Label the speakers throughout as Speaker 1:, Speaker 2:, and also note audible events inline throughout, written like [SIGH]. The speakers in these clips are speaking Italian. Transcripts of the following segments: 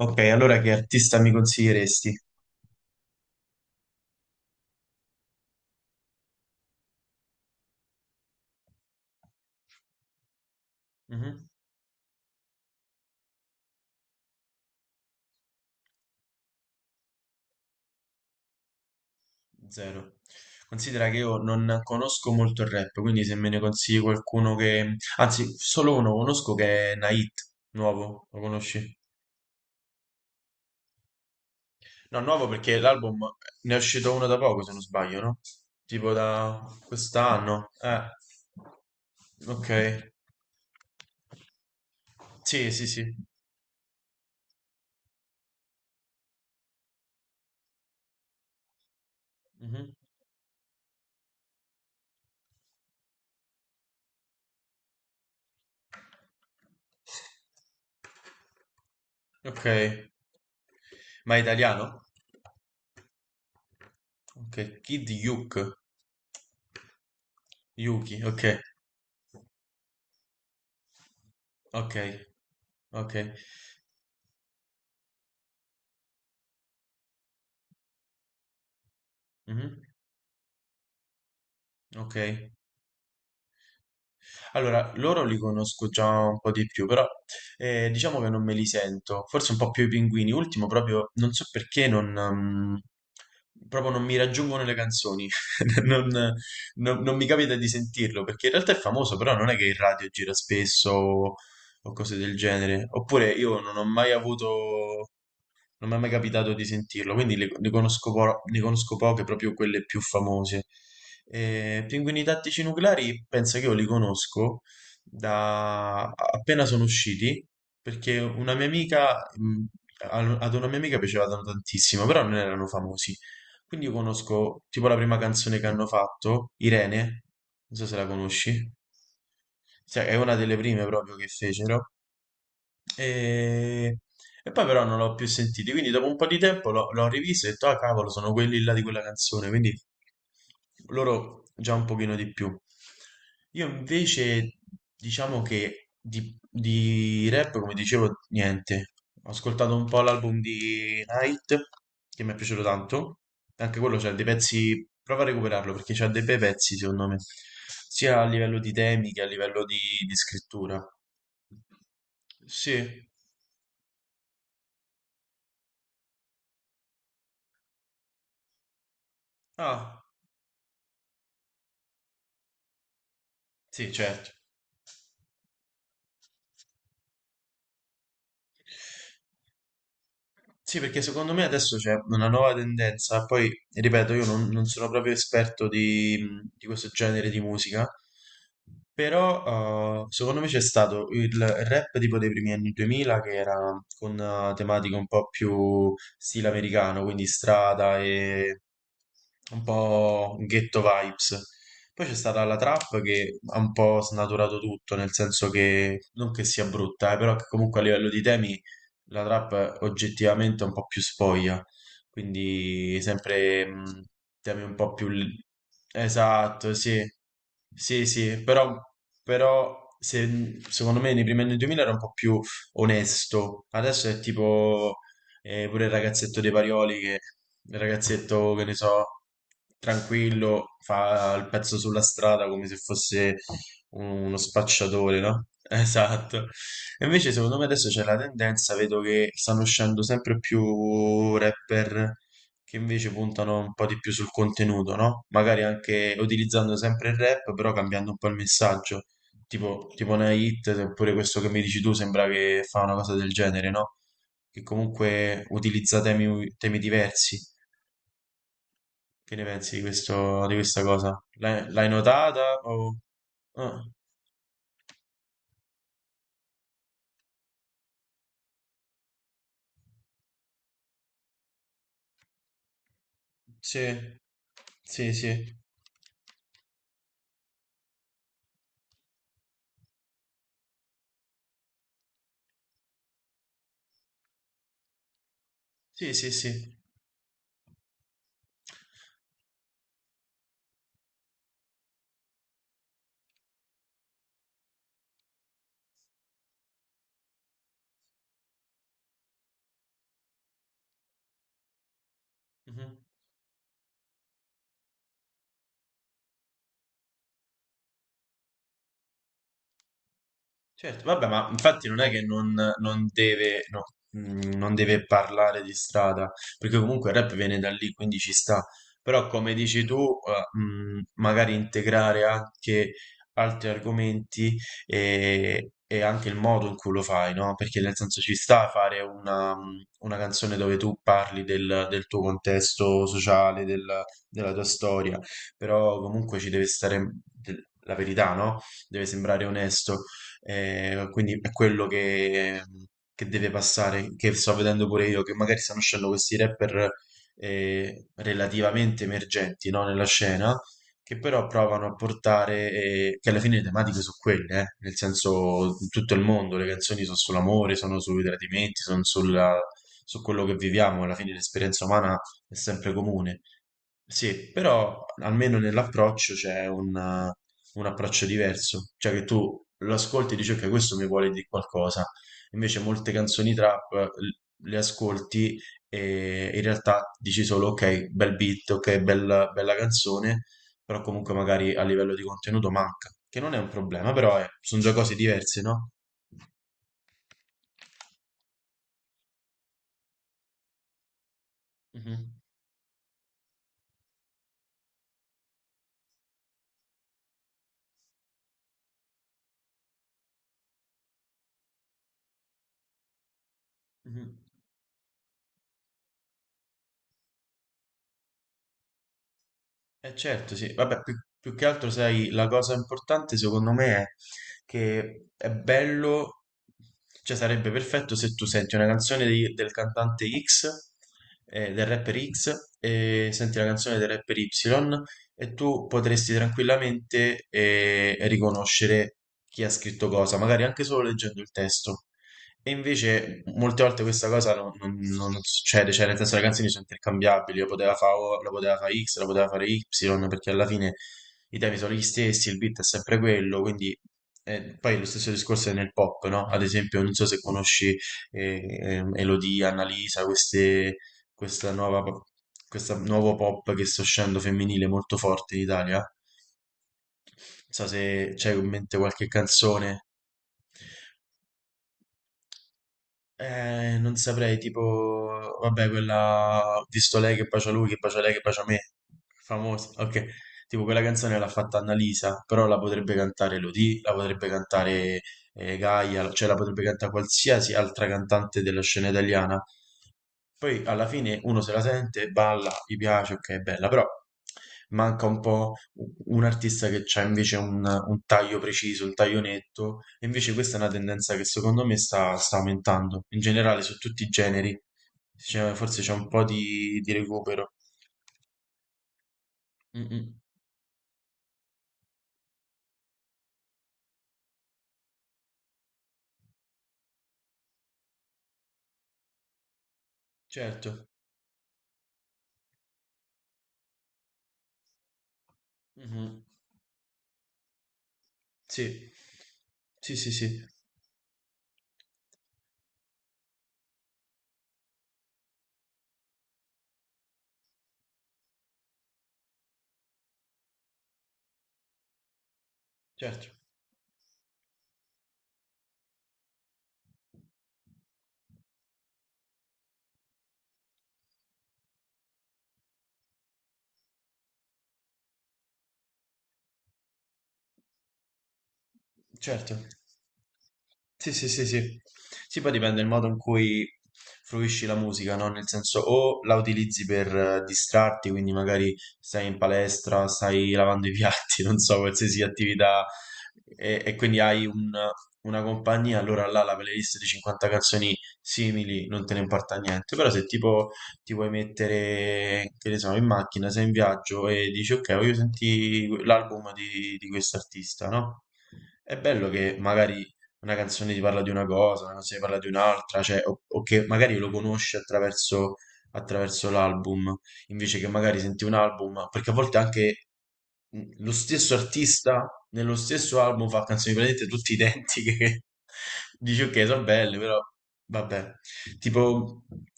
Speaker 1: Ok, allora che artista mi consiglieresti? Mhm. Zero. Considera che io non conosco molto il rap, quindi se me ne consigli qualcuno che... Anzi, solo uno conosco che è Nait, nuovo, lo conosci? No, nuovo perché l'album ne è uscito uno da poco, se non sbaglio, no? Tipo da quest'anno. Ok. Sì, sì, sì. Mhm. Ok. Ma è italiano? Ok, Kid Yuke. Yuki, ok, ok, ok. Mhm. Ok, allora loro li conosco già un po' di più, però diciamo che non me li sento, forse un po' più i pinguini. Ultimo, proprio non so perché, non, proprio non mi raggiungono le canzoni, [LAUGHS] non, non mi capita di sentirlo perché in realtà è famoso, però non è che il radio gira spesso o cose del genere. Oppure io non ho mai avuto. Non mi è mai capitato di sentirlo, quindi ne conosco, ne conosco poche, proprio quelle più famose. Pinguini tattici nucleari penso che io li conosco da appena sono usciti, perché una mia amica, ad una mia amica piacevano tantissimo, però non erano famosi. Quindi io conosco tipo la prima canzone che hanno fatto, Irene, non so se la conosci. Cioè, è una delle prime proprio che fecero. E, e poi però non l'ho più sentito, quindi dopo un po' di tempo l'ho rivisto e ho detto, ah cavolo, sono quelli là di quella canzone, quindi loro già un pochino di più. Io invece diciamo che di rap, come dicevo, niente. Ho ascoltato un po' l'album di Night, che mi è piaciuto tanto. Anche quello c'ha dei pezzi, prova a recuperarlo perché c'ha dei bei pezzi secondo me, sia a livello di temi che a livello di scrittura. Sì, ah, sì, certo. Sì, perché secondo me adesso c'è una nuova tendenza, poi ripeto, io non, non sono proprio esperto di questo genere di musica, però secondo me c'è stato il rap tipo dei primi anni 2000 che era con tematiche un po' più stile americano, quindi strada e un po' ghetto vibes. Poi c'è stata la trap che ha un po' snaturato tutto, nel senso che non che sia brutta, però che comunque a livello di temi la trap è oggettivamente un po' più spoglia, quindi sempre temi un po' più... Esatto, sì, sì, sì, però, però secondo me nei primi anni 2000 era un po' più onesto, adesso è tipo pure il ragazzetto dei Parioli, che il ragazzetto, che ne so, tranquillo, fa il pezzo sulla strada come se fosse uno spacciatore, no? [LAUGHS] Esatto. E invece, secondo me adesso c'è la tendenza, vedo che stanno uscendo sempre più rapper che invece puntano un po' di più sul contenuto, no? Magari anche utilizzando sempre il rap, però cambiando un po' il messaggio. Tipo una hit, oppure questo che mi dici tu, sembra che fa una cosa del genere, no? Che comunque utilizza temi, temi diversi. Che ne pensi di questo, di questa cosa? L'hai notata? O... Ah, sì, sì, sì. Sì, sì, sì. Mhm. Certo, vabbè, ma infatti non è che non, non deve, no, non deve parlare di strada, perché comunque il rap viene da lì, quindi ci sta. Però come dici tu, magari integrare anche altri argomenti e anche il modo in cui lo fai, no? Perché nel senso ci sta a fare una canzone dove tu parli del, del tuo contesto sociale, della tua storia, però comunque ci deve stare la verità, no? Deve sembrare onesto. Quindi è quello che deve passare, che sto vedendo pure io, che magari stanno uscendo questi rapper relativamente emergenti, no, nella scena, che però provano a portare, che alla fine le tematiche sono quelle, nel senso in tutto il mondo, le canzoni sono sull'amore, sono sui tradimenti, sono su quello che viviamo, alla fine l'esperienza umana è sempre comune. Sì, però almeno nell'approccio c'è un approccio diverso, cioè che tu lo ascolti e dici ok, questo mi vuole dire qualcosa, invece molte canzoni trap le ascolti e in realtà dici solo ok, bel beat, ok, bella, bella canzone, però comunque magari a livello di contenuto manca, che non è un problema, però sono già cose diverse, no? Mhm, mhm. Eh certo, sì, vabbè, più, più che altro, sai, la cosa importante secondo me è che è bello, cioè sarebbe perfetto se tu senti una canzone del cantante X, del rapper X, e senti la canzone del rapper Y, e tu potresti tranquillamente riconoscere chi ha scritto cosa, magari anche solo leggendo il testo. E invece molte volte questa cosa non succede, cioè nel senso le canzoni sono intercambiabili, lo poteva fare O, lo poteva fare X, lo poteva fare Y, perché alla fine i temi sono gli stessi, il beat è sempre quello, quindi poi lo stesso discorso è nel pop, no? Ad esempio, non so se conosci Elodie, Annalisa, queste, questa nuova, questa nuovo pop che sta uscendo femminile molto forte in Italia, non so se c'hai in mente qualche canzone. Non saprei, tipo, vabbè, quella ho visto lei che bacia lui, che bacia lei, che bacia me, famosa, ok, tipo quella canzone l'ha fatta Annalisa, però la potrebbe cantare Elodie, la potrebbe cantare Gaia, cioè la potrebbe cantare qualsiasi altra cantante della scena italiana, poi alla fine uno se la sente, balla, gli piace, ok, è bella, però manca un po' un artista che c'ha invece un taglio preciso, un taglio netto, e invece questa è una tendenza che secondo me sta, sta aumentando, in generale su tutti i generi. Forse c'è un po' di recupero. Mm, mm. Certo. Mhm. Sì, sì, sì, sì, certo. Certo. Sì, sì, sì, sì. Sì, poi dipende dal modo in cui fruisci la musica, no? Nel senso, o la utilizzi per distrarti, quindi magari stai in palestra, stai lavando i piatti, [LAUGHS] non so, qualsiasi attività, e quindi hai un- una compagnia, allora là la playlist di 50 canzoni simili non te ne importa niente. Però se tipo ti vuoi mettere, che ne so, in macchina, sei in viaggio e dici, ok, voglio sentire l'album di quest'artista, no? È bello che magari una canzone ti parla di una cosa, una canzone ti parla di un'altra, cioè, o che magari lo conosci attraverso, attraverso l'album, invece che magari senti un album, perché a volte anche lo stesso artista nello stesso album fa canzoni praticamente tutte identiche, [LAUGHS] che dici ok, sono belle, però vabbè. Tipo,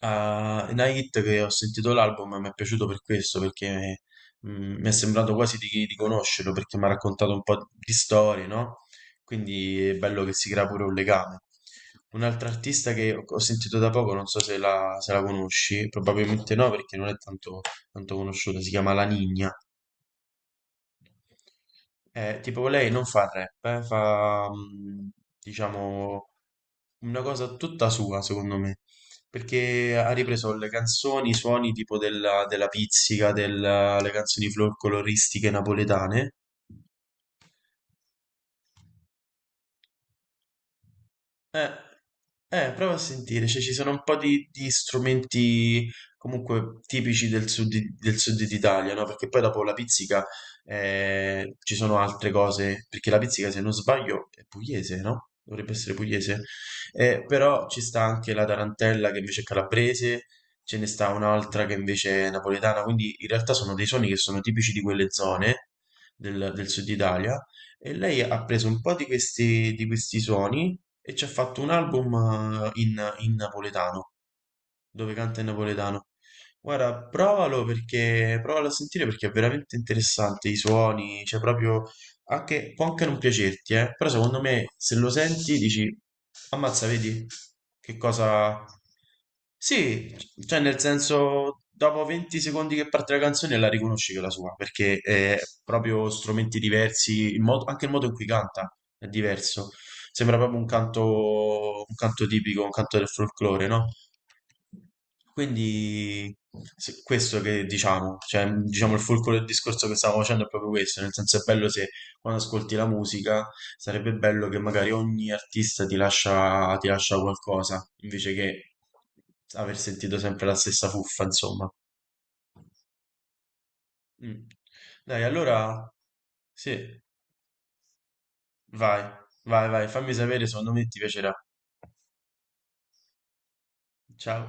Speaker 1: Night che ho sentito l'album mi è piaciuto per questo, perché mi è sembrato quasi di conoscerlo perché mi ha raccontato un po' di storie, no? Quindi è bello che si crea pure un legame. Un'altra artista che ho sentito da poco, non so se la, se la conosci, probabilmente no perché non è tanto, tanto conosciuta, si chiama La Nina. Tipo lei non fa rap, fa mm, diciamo una cosa tutta sua, secondo me, perché ha ripreso le canzoni, i suoni tipo della, della pizzica, delle canzoni folcloristiche napoletane. Eh, prova a sentire, cioè, ci sono un po' di strumenti comunque tipici del sud, del sud d'Italia, no? Perché poi dopo la pizzica ci sono altre cose, perché la pizzica, se non sbaglio, è pugliese, no? Dovrebbe essere pugliese. Però ci sta anche la tarantella che invece è calabrese, ce ne sta un'altra che invece è napoletana, quindi in realtà sono dei suoni che sono tipici di quelle zone del, del sud Italia e lei ha preso un po' di questi suoni e ci ha fatto un album in, in napoletano, dove canta in napoletano. Guarda, provalo perché, provalo a sentire perché è veramente interessante i suoni, cioè proprio, anche, può anche non piacerti, però secondo me se lo senti dici, Ammazza, vedi che cosa... Sì, cioè nel senso, dopo 20 secondi che parte la canzone la riconosci che è la sua, perché è proprio strumenti diversi, anche il modo in cui canta è diverso. Sembra proprio un canto tipico, un canto del folklore, no? Quindi questo che diciamo, cioè diciamo il fulcro del discorso che stavo facendo è proprio questo, nel senso è bello se quando ascolti la musica sarebbe bello che magari ogni artista ti lascia qualcosa, invece che aver sentito sempre la stessa fuffa, insomma. Mm. Dai, allora, sì, vai, vai, vai, fammi sapere, secondo me ti piacerà. Ciao.